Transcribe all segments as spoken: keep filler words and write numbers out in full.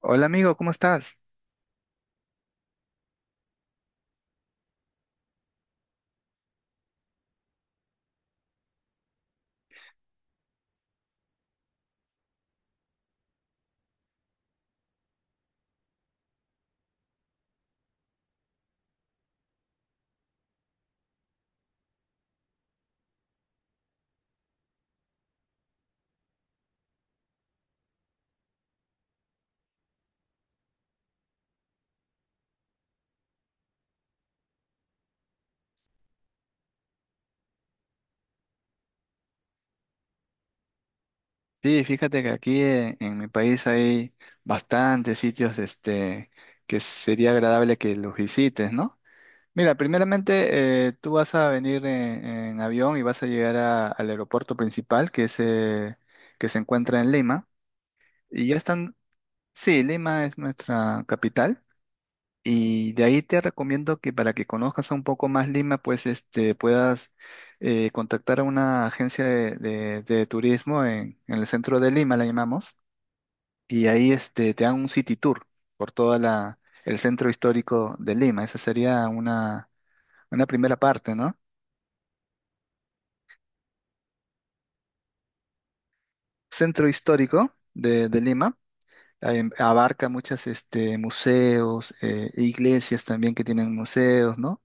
Hola amigo, ¿cómo estás? Sí, fíjate que aquí eh, en, mi país hay bastantes sitios este, que sería agradable que los visites, ¿no? Mira, primeramente eh, tú vas a venir en, en avión y vas a llegar a- al aeropuerto principal que, es, eh, que se encuentra en Lima. Y ya están, sí, Lima es nuestra capital. Y de ahí te recomiendo que para que conozcas un poco más Lima, pues este, puedas eh, contactar a una agencia de, de- de turismo en, en el centro de Lima, la llamamos, y ahí este, te dan un city tour por toda la, el centro histórico de Lima. Esa sería una, una primera parte, ¿no? Centro histórico de, de Lima eh, abarca muchas este, museos, eh, iglesias también que tienen museos, ¿no?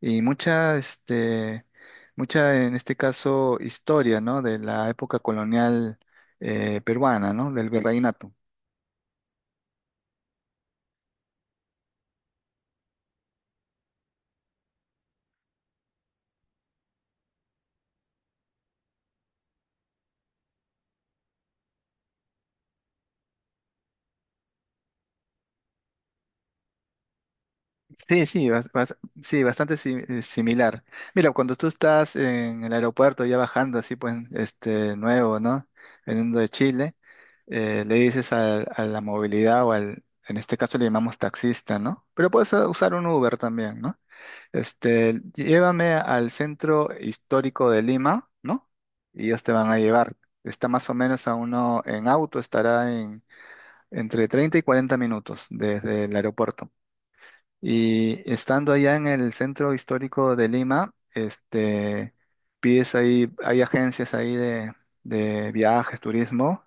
Y mucha, este, mucha, en este caso, historia, ¿no? De la época colonial eh, peruana, ¿no? Del virreinato. Sí, sí, bas- bas- sí, bastante si- eh, similar. Mira, cuando tú estás en el aeropuerto ya bajando así, pues, este, nuevo, ¿no? Veniendo de Chile, eh, le dices al- a, la movilidad o al, en este caso le llamamos taxista, ¿no? Pero puedes eh, usar un Uber también, ¿no? Este, llévame al centro histórico de Lima, ¿no? Y ellos te van a llevar. Está más o menos a uno, en auto estará en entre treinta y cuarenta minutos desde el aeropuerto. Y estando allá en el centro histórico de Lima, este, pides ahí, hay agencias ahí de, de viajes, turismo,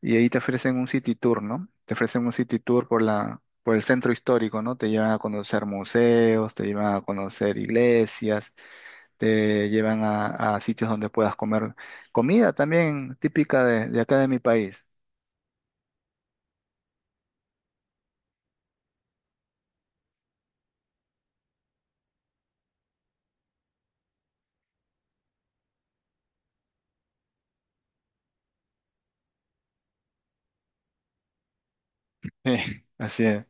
y ahí te ofrecen un city tour, ¿no? Te ofrecen un city tour por la, por el centro histórico, ¿no? Te llevan a conocer museos, te llevan a conocer iglesias, te llevan a, a sitios donde puedas comer comida también típica de, de acá de mi país. Sí, así es.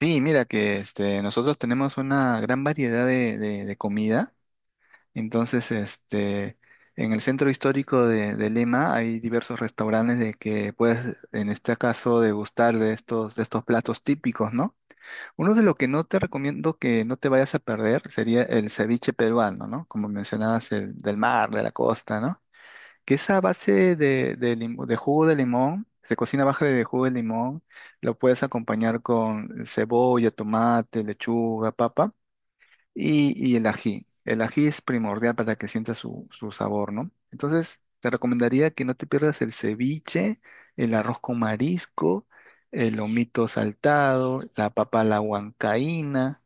Sí, mira que este, nosotros tenemos una gran variedad de, de- de comida. Entonces, este, en el centro histórico de, de Lima hay diversos restaurantes de que puedes, en este caso, degustar de estos, de estos platos típicos, ¿no? Uno de lo que no te recomiendo que no te vayas a perder sería el ceviche peruano, ¿no? Como mencionabas, el del mar, de la costa, ¿no? Que esa base de, de lim- de jugo de limón, se cocina baja de jugo de limón, lo puedes acompañar con cebolla, tomate, lechuga, papa y, y el ají. El ají es primordial para que sienta su, su sabor, ¿no? Entonces, te recomendaría que no te pierdas el ceviche, el arroz con marisco, el lomito saltado, la papa a la huancaína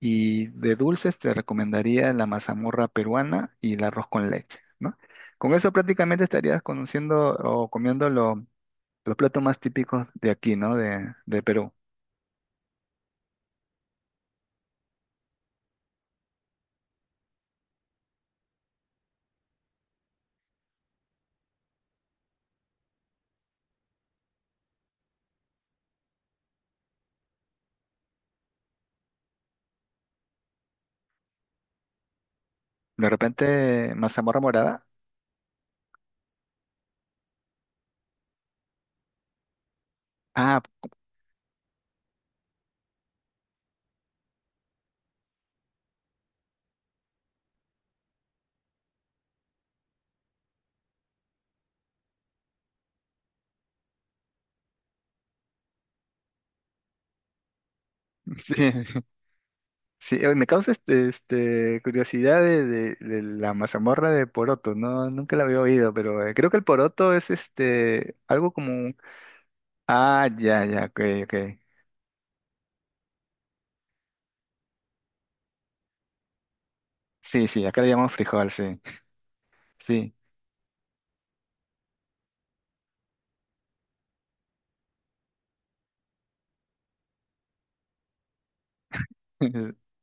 y de dulces te recomendaría la mazamorra peruana y el arroz con leche, ¿no? Con eso prácticamente estarías conociendo o comiendo lo- los platos más típicos de aquí, ¿no? De, de Perú. De repente, mazamorra morada. Ah, sí, sí, oye, me causa este, este, curiosidad de, de- de la mazamorra de poroto, ¿no? Nunca la había oído, pero eh, creo que el poroto es este, algo como... un- Ah, ya, ya, ok, ok. Sí, sí, acá le llamamos frijol, sí, sí.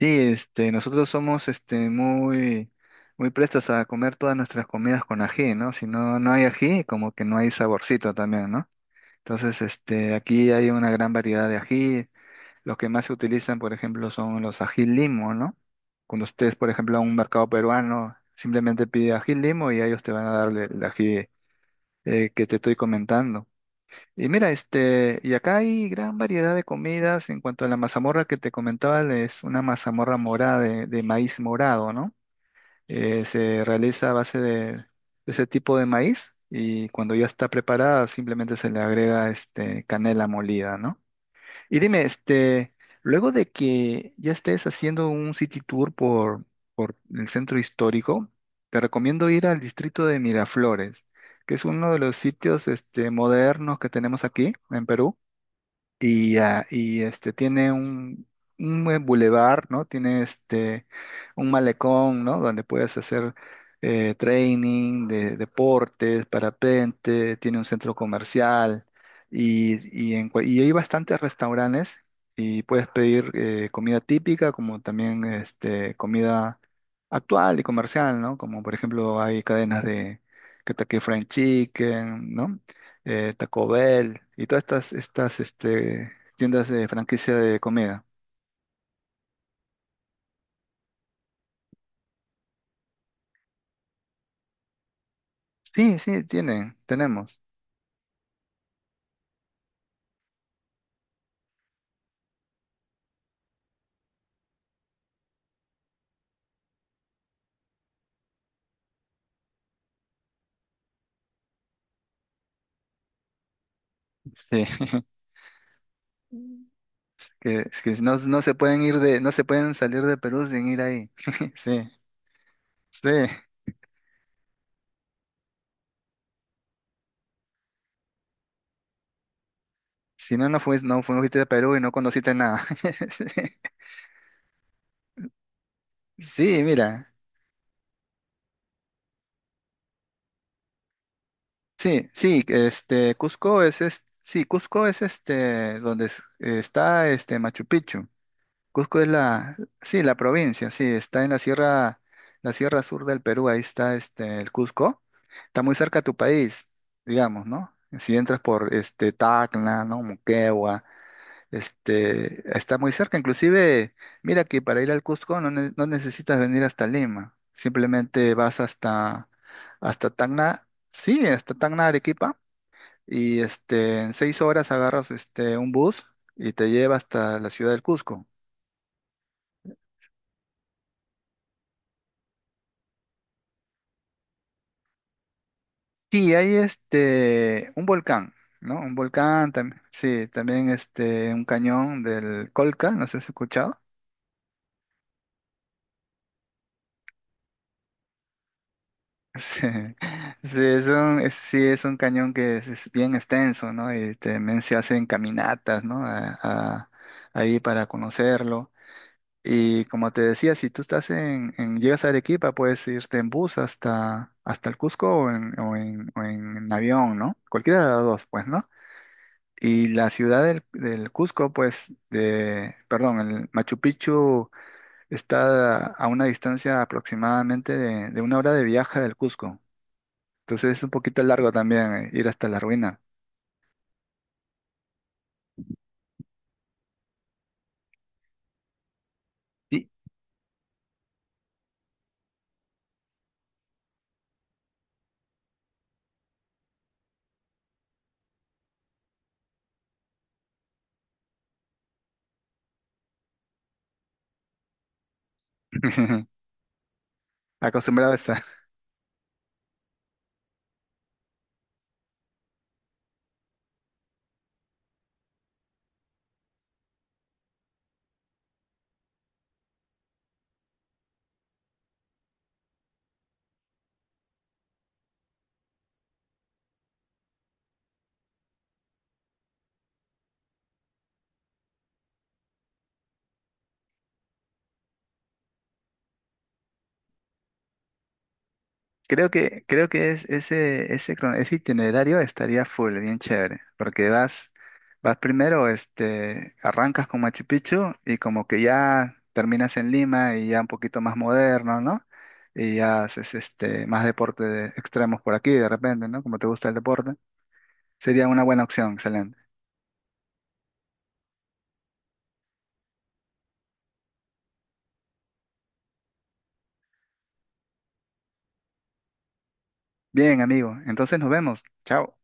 Sí, este, nosotros somos este, muy, muy prestos a comer todas nuestras comidas con ají, ¿no? Si no, no hay ají, como que no hay saborcito también, ¿no? Entonces, este, aquí hay una gran variedad de ají. Los que más se utilizan, por ejemplo, son los ají limo, ¿no? Cuando ustedes, por ejemplo, a un mercado peruano, simplemente pide ají limo y ellos te van a dar el el ají eh, que te estoy comentando. Y mira, este, y acá hay gran variedad de comidas. En cuanto a la mazamorra que te comentaba, es una mazamorra morada de, de maíz morado, ¿no? Eh, se realiza a base de, de ese tipo de maíz y cuando ya está preparada simplemente se le agrega este, canela molida, ¿no? Y dime, este, luego de que ya estés haciendo un city tour por, por el centro histórico, te recomiendo ir al distrito de Miraflores, que es uno de los sitios, este, modernos que tenemos aquí en Perú y, ah, y este tiene un, un buen bulevar, ¿no? Tiene este un malecón, ¿no? Donde puedes hacer eh, training de deportes, parapente, tiene un centro comercial y, y, en cua- y hay bastantes restaurantes y puedes pedir eh, comida típica como también este, comida actual y comercial, ¿no? Como por ejemplo hay cadenas de Kentucky Fried Chicken, ¿no? eh, Taco Bell y todas estas, estas este, tiendas de franquicia de comida. Sí, sí, tienen, tenemos. Sí. Que, es que no, no se pueden ir de, no se pueden salir de Perú sin ir ahí. Sí, sí. Si no, no fuiste, no fuiste a Perú y no conociste nada. Sí, mira. Sí, sí, este, Cusco es, es- sí, Cusco es este, donde es- está este Machu Picchu. Cusco es la, sí, la provincia, sí, está en la sierra, la sierra sur del Perú, ahí está este, el Cusco. Está muy cerca a tu país, digamos, ¿no? Si entras por este, Tacna, ¿no? Moquegua, este, está muy cerca. Inclusive, mira que para ir al Cusco no, ne- no necesitas venir hasta Lima, simplemente vas hasta, hasta Tacna, sí, hasta Tacna, Arequipa, y este, en seis horas agarras este, un bus y te lleva hasta la ciudad del Cusco. Sí, hay este, un volcán, ¿no? Un volcán, también, sí, también este, un cañón del Colca, no sé si has escuchado. Sí, sí, es un, es- sí, es un cañón que es, es bien extenso, ¿no? Y también se hacen caminatas, ¿no? A- a- ahí para conocerlo. Y como te decía, si tú estás en, en- llegas a Arequipa, puedes irte en bus hasta, hasta el Cusco o en, o en, o en avión, ¿no? Cualquiera de las dos, pues, ¿no? Y la ciudad del, del Cusco, pues, de, perdón, el Machu Picchu está a una distancia aproximadamente de, de una hora de viaje del Cusco. Entonces es un poquito largo también eh, ir hasta la ruina. Y acostumbrado a, Creo que, creo que es ese, ese, cron- ese itinerario estaría full, bien chévere, porque vas, vas primero, este, arrancas con Machu Picchu y como que ya terminas en Lima y ya un poquito más moderno, ¿no? Y ya haces este, más deporte de extremos por aquí de repente, ¿no? Como te gusta el deporte. Sería una buena opción, excelente. Bien, amigo, entonces nos vemos. Chao.